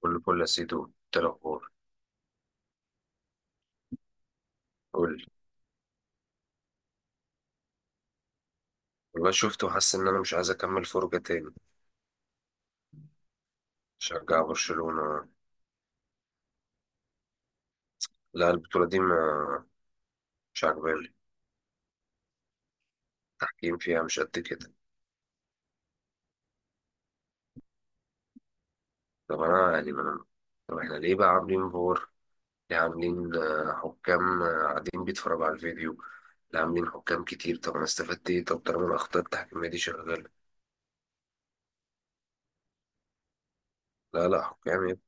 كل فل يا سيدو، إنت الأخبار؟ قول لي. والله شفت، وحاسس إن أنا مش عايز أكمل فرجة تاني. شجع برشلونة؟ لا، البطولة دي ما مش عاجباني. التحكيم فيها مش قد كده. طب أنا يعني ما طب إحنا ليه بقى عاملين فور؟ ليه عاملين حكام، قاعدين بيتفرجوا على الفيديو؟ ليه عاملين حكام كتير؟ طب أنا استفدت إيه؟ طب طالما الأخطاء التحكيمية دي شغالة. لا، لا، حكام يا ابني.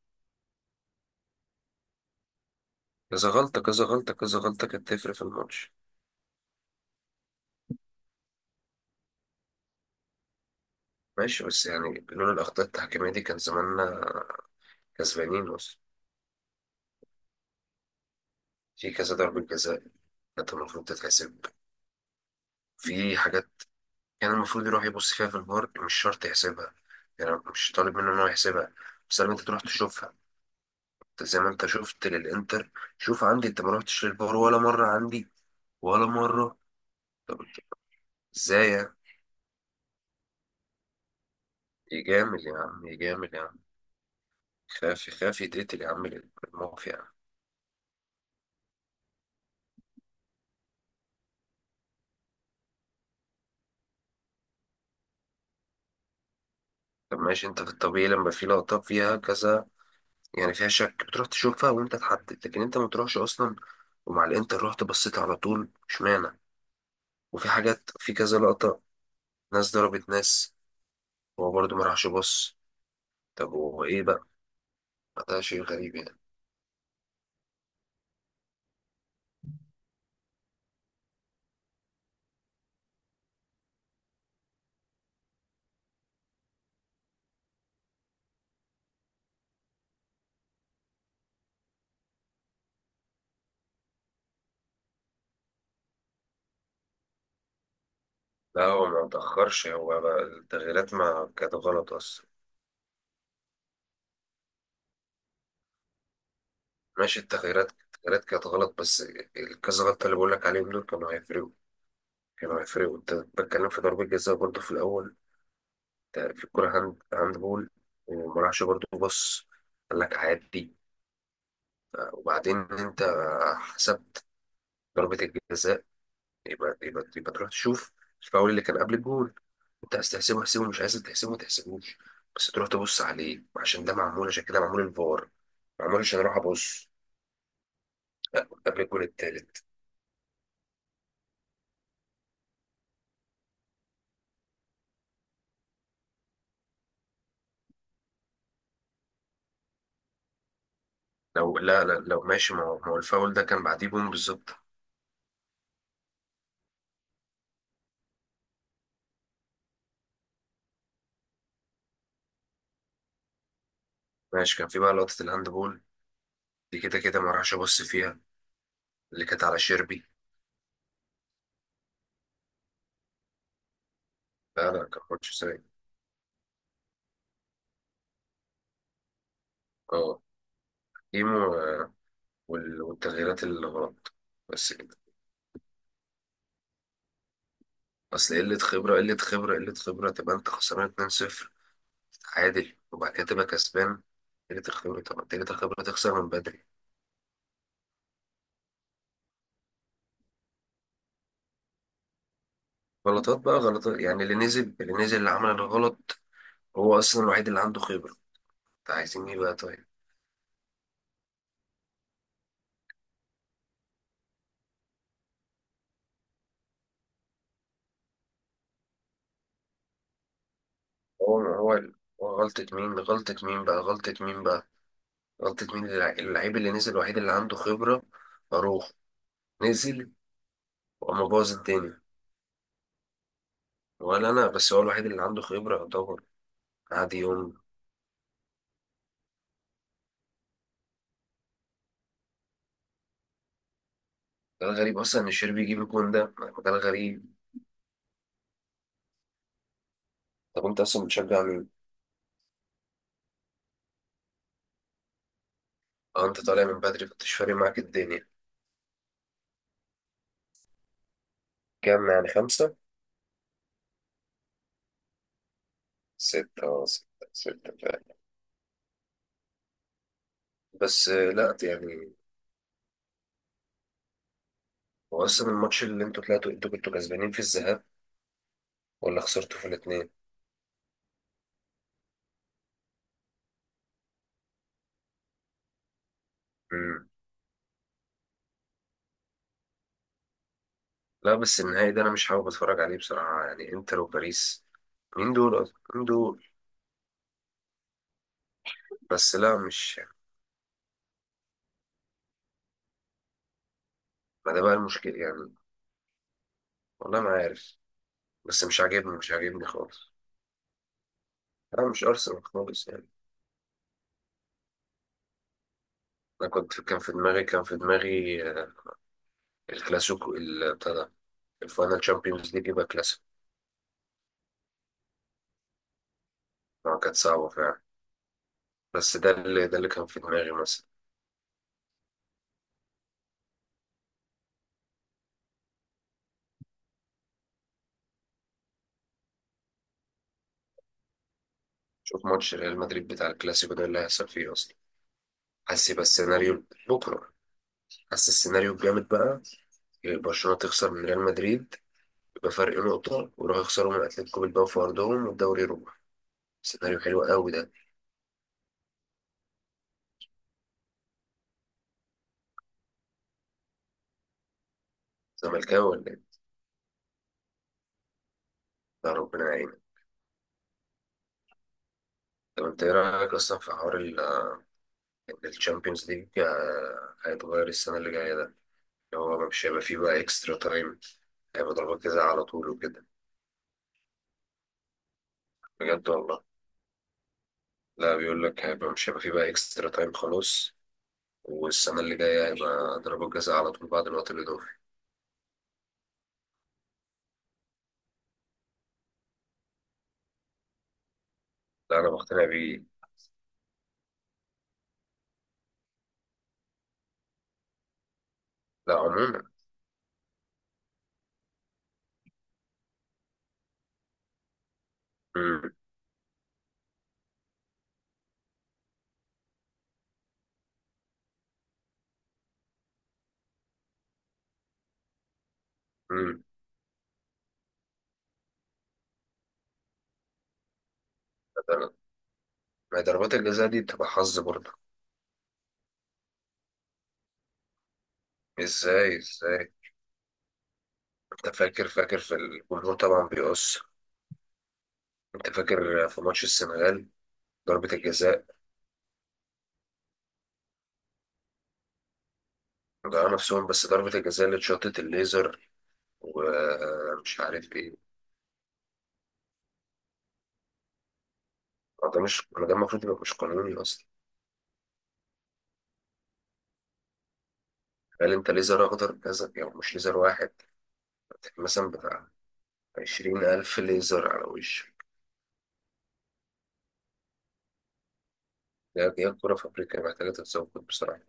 كذا غلطة، كذا غلطة، كذا غلطة كانت تفرق في الماتش. ماشي، بس يعني لولا الأخطاء التحكيمية دي كان زماننا كسبانين أصلا. في كذا ضربة جزاء كانت المفروض تتحسب. في حاجات كان المفروض يروح يبص فيها في الفار، مش شرط يحسبها. يعني أنا مش طالب منه إن هو يحسبها، بس لما أنت تروح تشوفها. أنت زي ما أنت شفت للإنتر. شوف عندي، أنت ما رحتش للفار ولا مرة عندي، ولا مرة. طب أنت، إزاي يعني؟ يجامل يا عم، يجامل يا عم. يخاف يتقتل يا عم الموقف يعني. طب ماشي، أنت في الطبيعي لما في لقطة فيها كذا، يعني فيها شك، بتروح تشوفها وأنت تحدد، لكن أنت ما تروحش أصلا. ومع الإنتر رحت بصيت على طول، اشمعنى؟ وفي حاجات، في كذا لقطة، ناس ضربت ناس، هو برضه ما راحش يبص. طب هو ايه بقى؟ ده شيء غريب يعني. لا، هو ما تأخرش، هو بقى التغييرات ما كانت غلط أصلا. ماشي، التغييرات كانت غلط، بس الكذا غلطة اللي بقول لك عليهم دول كانوا هيفرقوا. كانوا هيفرقوا. انت بتكلم في ضربة جزاء برضه في الأول، ده في الكورة هاند بول، وما راحش برضه بص، قال لك عادي. وبعدين انت حسبت ضربة الجزاء، يبقى تروح تشوف الفاول اللي كان قبل الجول. انت عايز تحسبه احسبه، مش عايز تحسبه ما تحسبوش، بس تروح تبص عليه، عشان ده معمول، عشان كده معمول الفار. معمول عشان اروح ابص قبل الجول التالت. لا، لا، لو ماشي، ما هو الفاول ده كان بعديه بوم بالظبط. ماشي، كان في بقى لقطة الهاند بول دي، كده كده ما راحش ابص فيها، اللي كانت على شيربي. لا، لا، كان ماتش سيء. اه، ايمو والتغييرات اللي غلط، بس كده. اصل قلة خبرة، قلة خبرة، قلة خبرة، تبقى انت خسران 2-0، عادل، وبعد كده تبقى كسبان؟ تجري الخبرة، طبعا تجري الخبرة، تخسر من بدري. غلطات بقى، غلطات يعني. اللي نزل اللي عمل الغلط هو أصلا الوحيد اللي عنده خبرة. انت عايزين ايه بقى طيب؟ هو هو غلطة مين، غلطة مين بقى، غلطة مين بقى؟ غلطة مين؟ اللعيب اللي نزل الوحيد اللي عنده خبرة، أروح نزل وقام باظ الدنيا. ولا أنا، بس هو الوحيد اللي عنده خبرة يعتبر. قعد يوم. ده الغريب أصلا، إن الشربي يجيب الجون ده، ده الغريب. طب أنت أصلا بتشجع مين؟ أه، أنت طالع من بدري، فمش فارق معاك الدنيا. كام يعني، خمسة؟ ستة، اه، ستة. ستة فعلا. بس لا، يعني. هو أصلا الماتش اللي انتوا طلعتوا، انتوا كنتوا كسبانين في الذهاب، ولا خسرتوا في الاتنين؟ مم. لا، بس النهائي ده أنا مش حابب أتفرج عليه بصراحة، يعني إنتر وباريس، مين دول أصلا؟ مين دول؟ بس لا، مش. ما ده بقى المشكلة يعني، والله ما عارف. بس مش عاجبني، مش عاجبني خالص. أنا مش أرسنال خالص يعني. أنا كان في دماغي، الكلاسيكو بتاع ده، الفاينل تشامبيونز ليج يبقى كلاسيكو. كانت صعبة فعلا. بس ده اللي، كان في دماغي مثلا. شوف ماتش ريال مدريد بتاع الكلاسيكو ده اللي هيحصل فيه اصلا، حاسس يبقى السيناريو. بكره؟ حاسس السيناريو الجامد بقى، برشلونه تخسر من ريال مدريد بفرق نقطه، ويروحوا يخسروا من اتلتيكو بالباو في ارضهم، والدوري يروح. سيناريو حلو قوي ده. زملكاوي ولا ايه؟ يا ربنا يعينك. طب انت ايه رايك اصلا في حوار ان الشامبيونز ليج هيتغير السنه اللي جايه ده، اللي هو مش هيبقى فيه بقى اكسترا تايم، هيبقى ضربات جزاء على طول وكده؟ بجد، والله. لا، بيقول لك مش هيبقى فيه بقى اكسترا تايم خلاص، والسنة اللي جاية هيبقى ضربة جزاء على طول بعد الوقت الإضافي. لا، أنا مقتنع بيه. لا، عموما. مم. مم. ده- ما هي ضربات الجزاء دي بتبقى حظ برضه. ازاي؟ ازاي؟ انت فاكر، في الجمهور طبعا بيقص. انت فاكر في ماتش السنغال، ضربة الجزاء؟ ضيعوا نفسهم، بس ضربة الجزاء اللي اتشاطت الليزر ومش عارف ايه، ده مش، ده المفروض يبقى مش قانوني اصلا. قال، انت ليزر اخضر كذا، يعني مش ليزر واحد، مثلا بتاع 20,000 ليزر على وشك. لا، دي الكورة في أفريقيا محتاجة تتظبط بصراحة.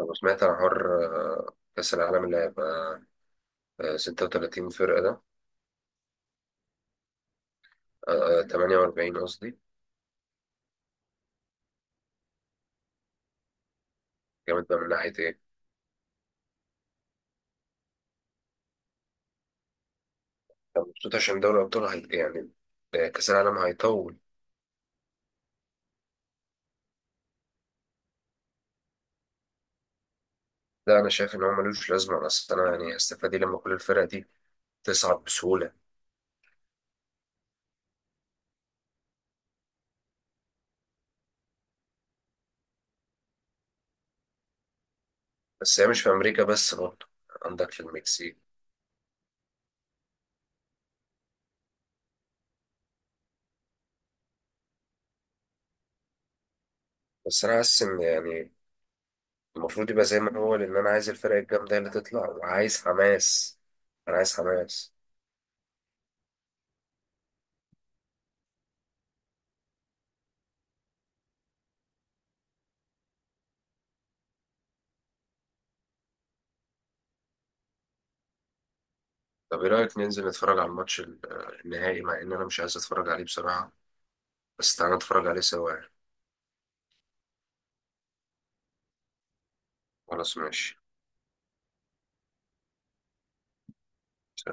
أنا سمعت عن حوار، كأس العالم اللي هيبقى 36 فرقة ده. 48 قصدي. جامد بقى من ناحية إيه؟ أنا مبسوط عشان دوري الأبطال، هي يعني، كأس العالم هيطول. لا، أنا شايف إن هو ملوش لازمة، أصل أنا يعني هستفاد إيه لما كل الفرق دي تصعد بسهولة؟ بس هي مش في أمريكا بس برضه، عندك في المكسيك. بس أنا حاسس إن يعني المفروض يبقى زي ما هو، لان انا عايز الفرق الجامده هي اللي تطلع، وعايز حماس، انا عايز حماس. طب ايه رايك ننزل نتفرج على الماتش النهائي، مع ان انا مش عايز اتفرج عليه بصراحه، بس تعالى نتفرج عليه سوا يعني. خلاص، ماشي. سلام.